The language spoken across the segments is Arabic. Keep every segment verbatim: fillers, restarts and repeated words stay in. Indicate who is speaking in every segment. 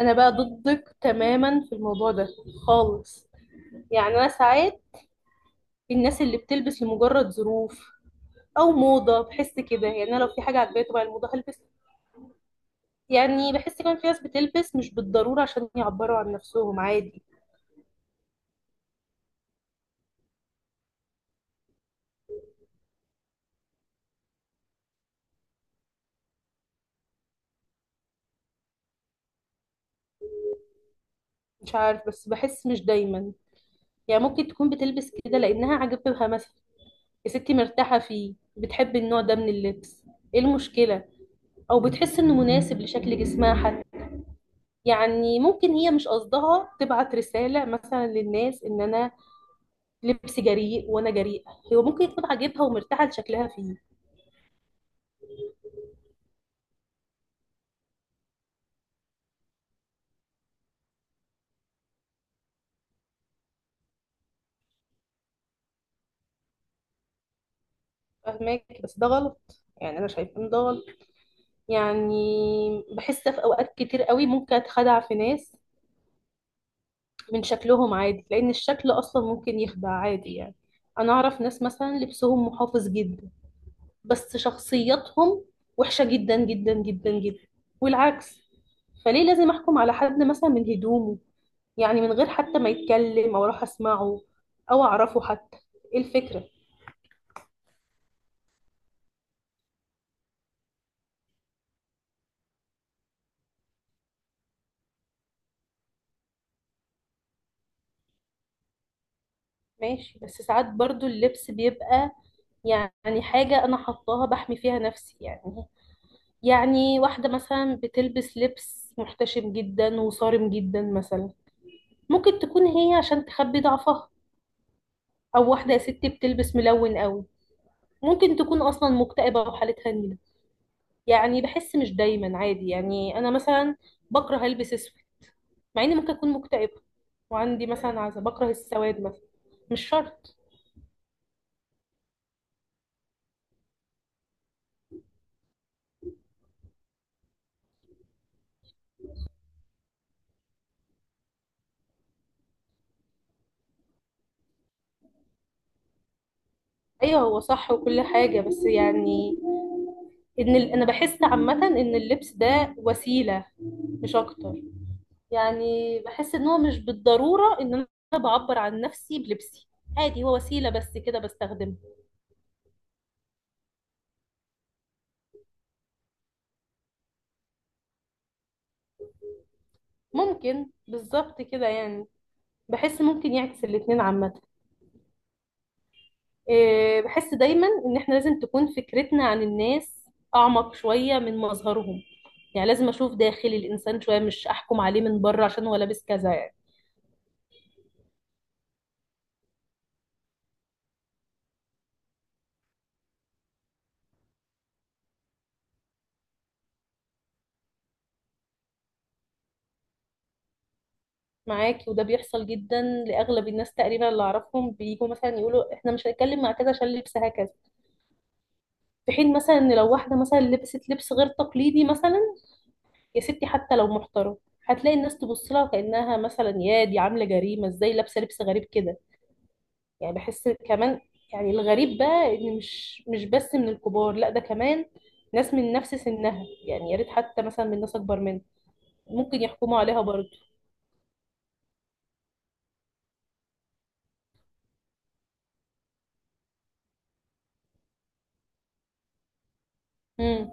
Speaker 1: انا بقى ضدك تماما في الموضوع ده خالص. يعني انا ساعات الناس اللي بتلبس لمجرد ظروف او موضه بحس كده، يعني انا لو في حاجه عجباني طبعا الموضه هلبس. يعني بحس كمان في ناس بتلبس مش بالضروره عشان يعبروا عن نفسهم عادي. مش عارف بس بحس مش دايما، يعني ممكن تكون بتلبس كده لانها عجبها مثلا، يا ستي مرتاحه فيه، بتحب النوع ده من اللبس. ايه المشكله؟ او بتحس انه مناسب لشكل جسمها حتى. يعني ممكن هي مش قصدها تبعت رسالة مثلا للناس ان انا لبسي جريء وانا جريئة، هو ممكن تكون عاجبها ومرتاحة لشكلها فيه. فاهمك بس ده غلط، يعني انا شايفه ان ده غلط. يعني بحس في اوقات كتير قوي ممكن اتخدع في ناس من شكلهم عادي، لان الشكل اصلا ممكن يخدع عادي يعني. انا اعرف ناس مثلا لبسهم محافظ جدا بس شخصياتهم وحشة جدا جدا جدا جدا، والعكس. فليه لازم احكم على حد مثلا من هدومه، يعني من غير حتى ما يتكلم او اروح اسمعه او اعرفه حتى؟ ايه الفكرة؟ ماشي بس ساعات برضو اللبس بيبقى يعني حاجة انا حطاها بحمي فيها نفسي. يعني يعني واحدة مثلا بتلبس لبس محتشم جدا وصارم جدا مثلا، ممكن تكون هي عشان تخبي ضعفها. او واحدة يا ستي بتلبس ملون قوي، ممكن تكون اصلا مكتئبة وحالتها نيلة. يعني بحس مش دايما عادي، يعني انا مثلا بكره البس اسود مع اني ممكن اكون مكتئبه، وعندي مثلا عزة بكره السواد مثلا. مش شرط. ايوه هو صح وكل حاجه، بس يعني ان ال... انا بحس عامه ان اللبس ده وسيله، مش اكتر. يعني بحس ان هو مش بالضروره ان انا بعبر عن نفسي بلبسي، عادي هو وسيله بس كده بستخدمه. ممكن بالظبط كده، يعني بحس ممكن يعكس الاتنين عامه. آه، بحس دايما ان احنا لازم تكون فكرتنا عن الناس اعمق شوية من مظهرهم، يعني لازم اشوف داخل الانسان شوية، مش احكم عليه من بره عشان هو لابس كذا يعني. معاكي وده بيحصل جدا، لاغلب الناس تقريبا اللي اعرفهم بيجوا مثلا يقولوا احنا مش هنتكلم مع كذا عشان لبسها كذا. في حين مثلا ان لو واحدة مثلا لبست لبس غير تقليدي مثلا، يا ستي حتى لو محترم، هتلاقي الناس تبص لها كأنها مثلا يا دي عاملة جريمة، ازاي لابسة لبس غريب كده؟ يعني بحس كمان، يعني الغريب بقى ان مش مش بس من الكبار، لا ده كمان ناس من نفس سنها، يعني يا ريت حتى مثلا من ناس اكبر منها ممكن يحكموا عليها برضه. امم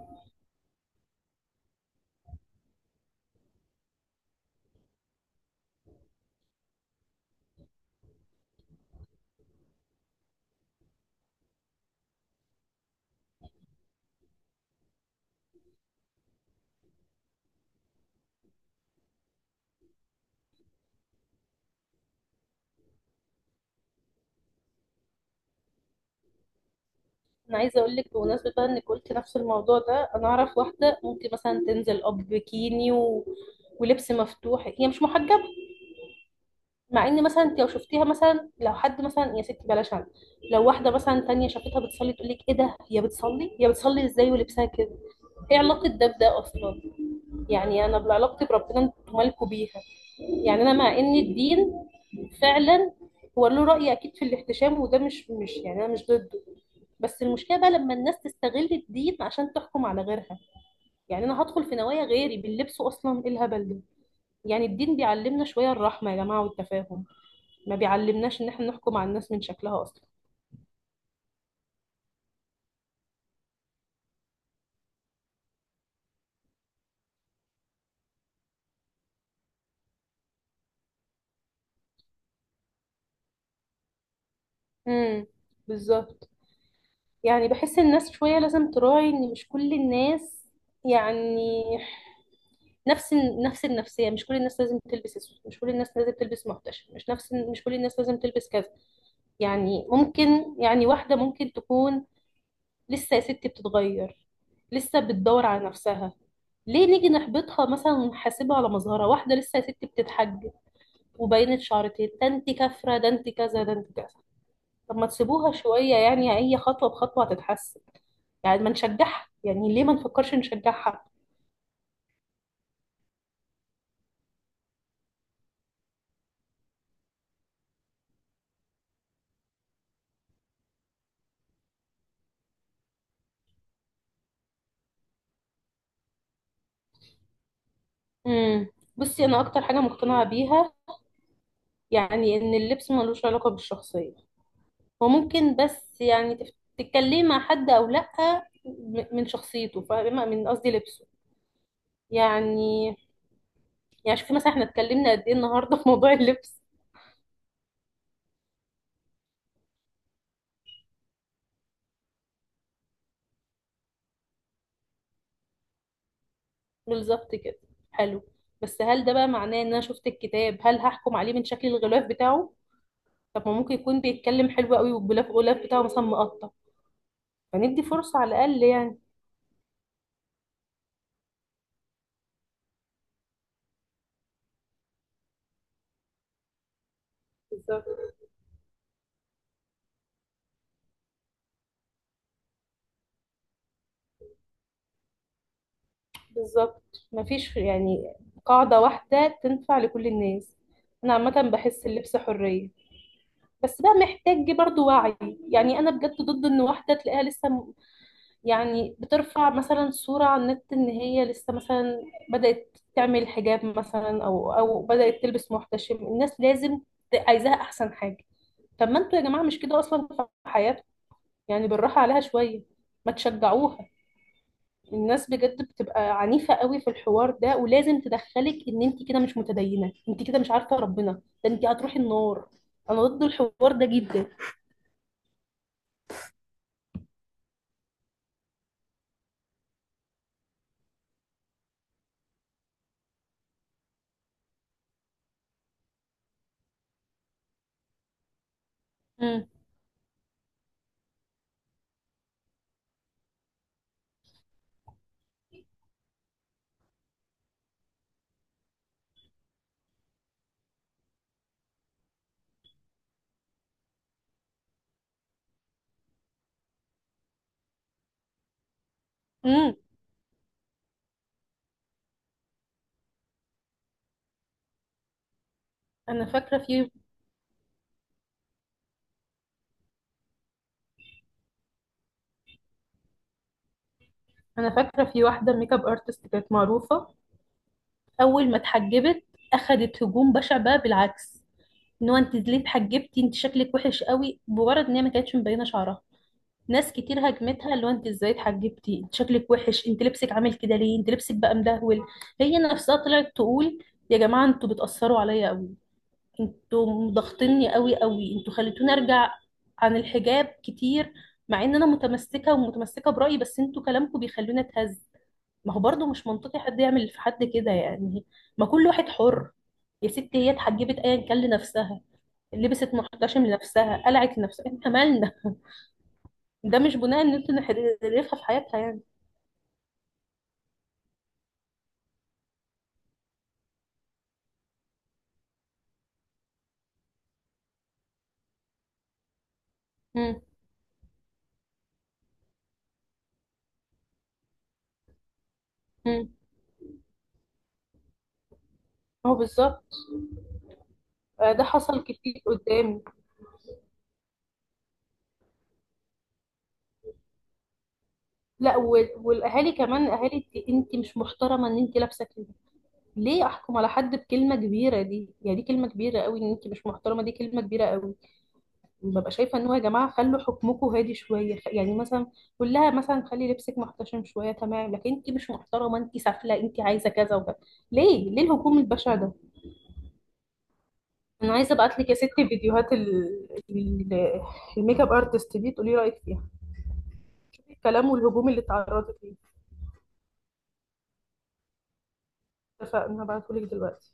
Speaker 1: انا عايزه اقول لك بمناسبه بقى انك قلت نفس الموضوع ده، انا اعرف واحده ممكن مثلا تنزل اب بكيني و... ولبس مفتوح، هي مش محجبه. مع ان مثلا انت لو شفتيها مثلا، لو حد مثلا يا ستي بلاش عنها، لو واحده مثلا تانية شافتها بتصلي تقول لك ايه ده، هي بتصلي؟ هي بتصلي ازاي ولبسها كده؟ ايه علاقه ده بده اصلا؟ يعني انا بعلاقتي بربنا، انتوا مالكوا بيها. يعني انا مع ان الدين فعلا هو له رأي اكيد في الاحتشام وده، مش مش يعني انا مش ضده. بس المشكلة بقى لما الناس تستغل الدين عشان تحكم على غيرها. يعني انا هدخل في نوايا غيري باللبس اصلا؟ ايه الهبل ده؟ يعني الدين بيعلمنا شوية الرحمة يا جماعة والتفاهم، ما بيعلمناش ان احنا نحكم على الناس من شكلها اصلا. امم بالظبط. يعني بحس الناس شوية لازم تراعي ان مش كل الناس، يعني نفس نفس النفسيه، مش كل الناس لازم تلبس اسود، مش كل الناس لازم تلبس محتشم، مش نفس مش كل الناس لازم تلبس كذا. يعني ممكن يعني واحده ممكن تكون لسه يا ستي بتتغير، لسه بتدور على نفسها. ليه نيجي نحبطها مثلا ونحاسبها على مظهرها؟ واحده لسه يا ستي بتتحجب وبينت شعرتين، ده انت كافره، ده انت كذا، ده انت كذا. طب ما تسيبوها شويه، يعني هي خطوه بخطوه هتتحسن. يعني ما نشجعها؟ يعني ليه ما نفكرش نشجعها؟ امم بصي انا اكتر حاجه مقتنعه بيها، يعني ان اللبس ملوش علاقة بالشخصية. هو ممكن بس يعني تف- تتكلمي مع حد او لا، م- من شخصيته، فاهمة من قصدي؟ لبسه يعني. يعني شوفي مثلا احنا اتكلمنا قد ايه النهاردة في موضوع اللبس. بالظبط كده، حلو. بس هل ده بقى معناه ان انا شفت الكتاب هل هحكم عليه من شكل الغلاف بتاعه؟ طب ما ممكن يكون بيتكلم حلو قوي، والغلاف الغلاف بتاعه مثلا مقطع. فندي فرصة على الاقل يعني. بالظبط. بالظبط مفيش يعني قاعدة واحدة تنفع لكل الناس. أنا عامة بحس اللبس حرية، بس بقى محتاج برضو وعي. يعني أنا بجد ضد إن واحدة تلاقيها لسه م- يعني بترفع مثلا صورة على النت إن هي لسه مثلا بدأت تعمل حجاب مثلا أو أو بدأت تلبس محتشم، الناس لازم ت- عايزاها أحسن حاجة. طب ما أنتوا يا جماعة مش كده أصلا في حياتكم؟ يعني بالراحة عليها شوية، ما تشجعوها. الناس بجد بتبقى عنيفة قوي في الحوار ده، ولازم تدخلك ان انت كده مش متدينة، انت كده مش عارفة ربنا، ده انت هتروحي النار. انا ضد الحوار ده جدا. امم امم انا فاكرة في انا فاكرة في واحدة ميك اب ارتست كانت معروفة. اول ما اتحجبت اخدت هجوم بشع، بقى بالعكس، ان هو انت ليه اتحجبتي؟ انت شكلك وحش قوي، مجرد ان هي ما كانتش مبينة شعرها. ناس كتير هاجمتها اللي هو انت ازاي اتحجبتي؟ انت شكلك وحش، انت لبسك عامل كده ليه، انت لبسك بقى مدهول. هي نفسها طلعت تقول يا جماعه انتوا بتاثروا عليا قوي، انتوا ضاغطيني قوي قوي، انتوا خليتوني ارجع عن الحجاب كتير. مع ان انا متمسكه ومتمسكه برايي بس انتوا كلامكم بيخلوني اتهز. ما هو برضه مش منطقي حد يعمل في حد كده يعني، ما كل واحد حر. يا ستي هي اتحجبت ايا كان لنفسها، لبست محتشم لنفسها، قلعت لنفسها، احنا مالنا؟ ده مش بناء ان انت نخلفها في حياتها يعني. مم. مم. هو بالظبط. آه، ده حصل كتير قدامي. لا وال- والاهالي كمان، اهالي انت انت مش محترمه ان انت لابسه كده. ليه احكم على حد بكلمه كبيره دي؟ يعني دي كلمه كبيره قوي، ان انت مش محترمه، دي كلمه كبيره قوي. ببقى شايفه ان هو يا جماعه خلوا حكمكم هادي شويه، خ- يعني مثلا قول لها مثلا خلي لبسك محتشم شويه، تمام. لكن انت مش محترمه، انت سافله، انت عايزه كذا وكذا، ليه ليه الهجوم البشع ده؟ انا عايزه ابعت لك يا ستي فيديوهات ال- ال- الميك اب ارتست دي تقولي رايك فيها. شوفي الكلام والهجوم اللي اتعرضت ليه. اتفقنا، هبعته لك دلوقتي.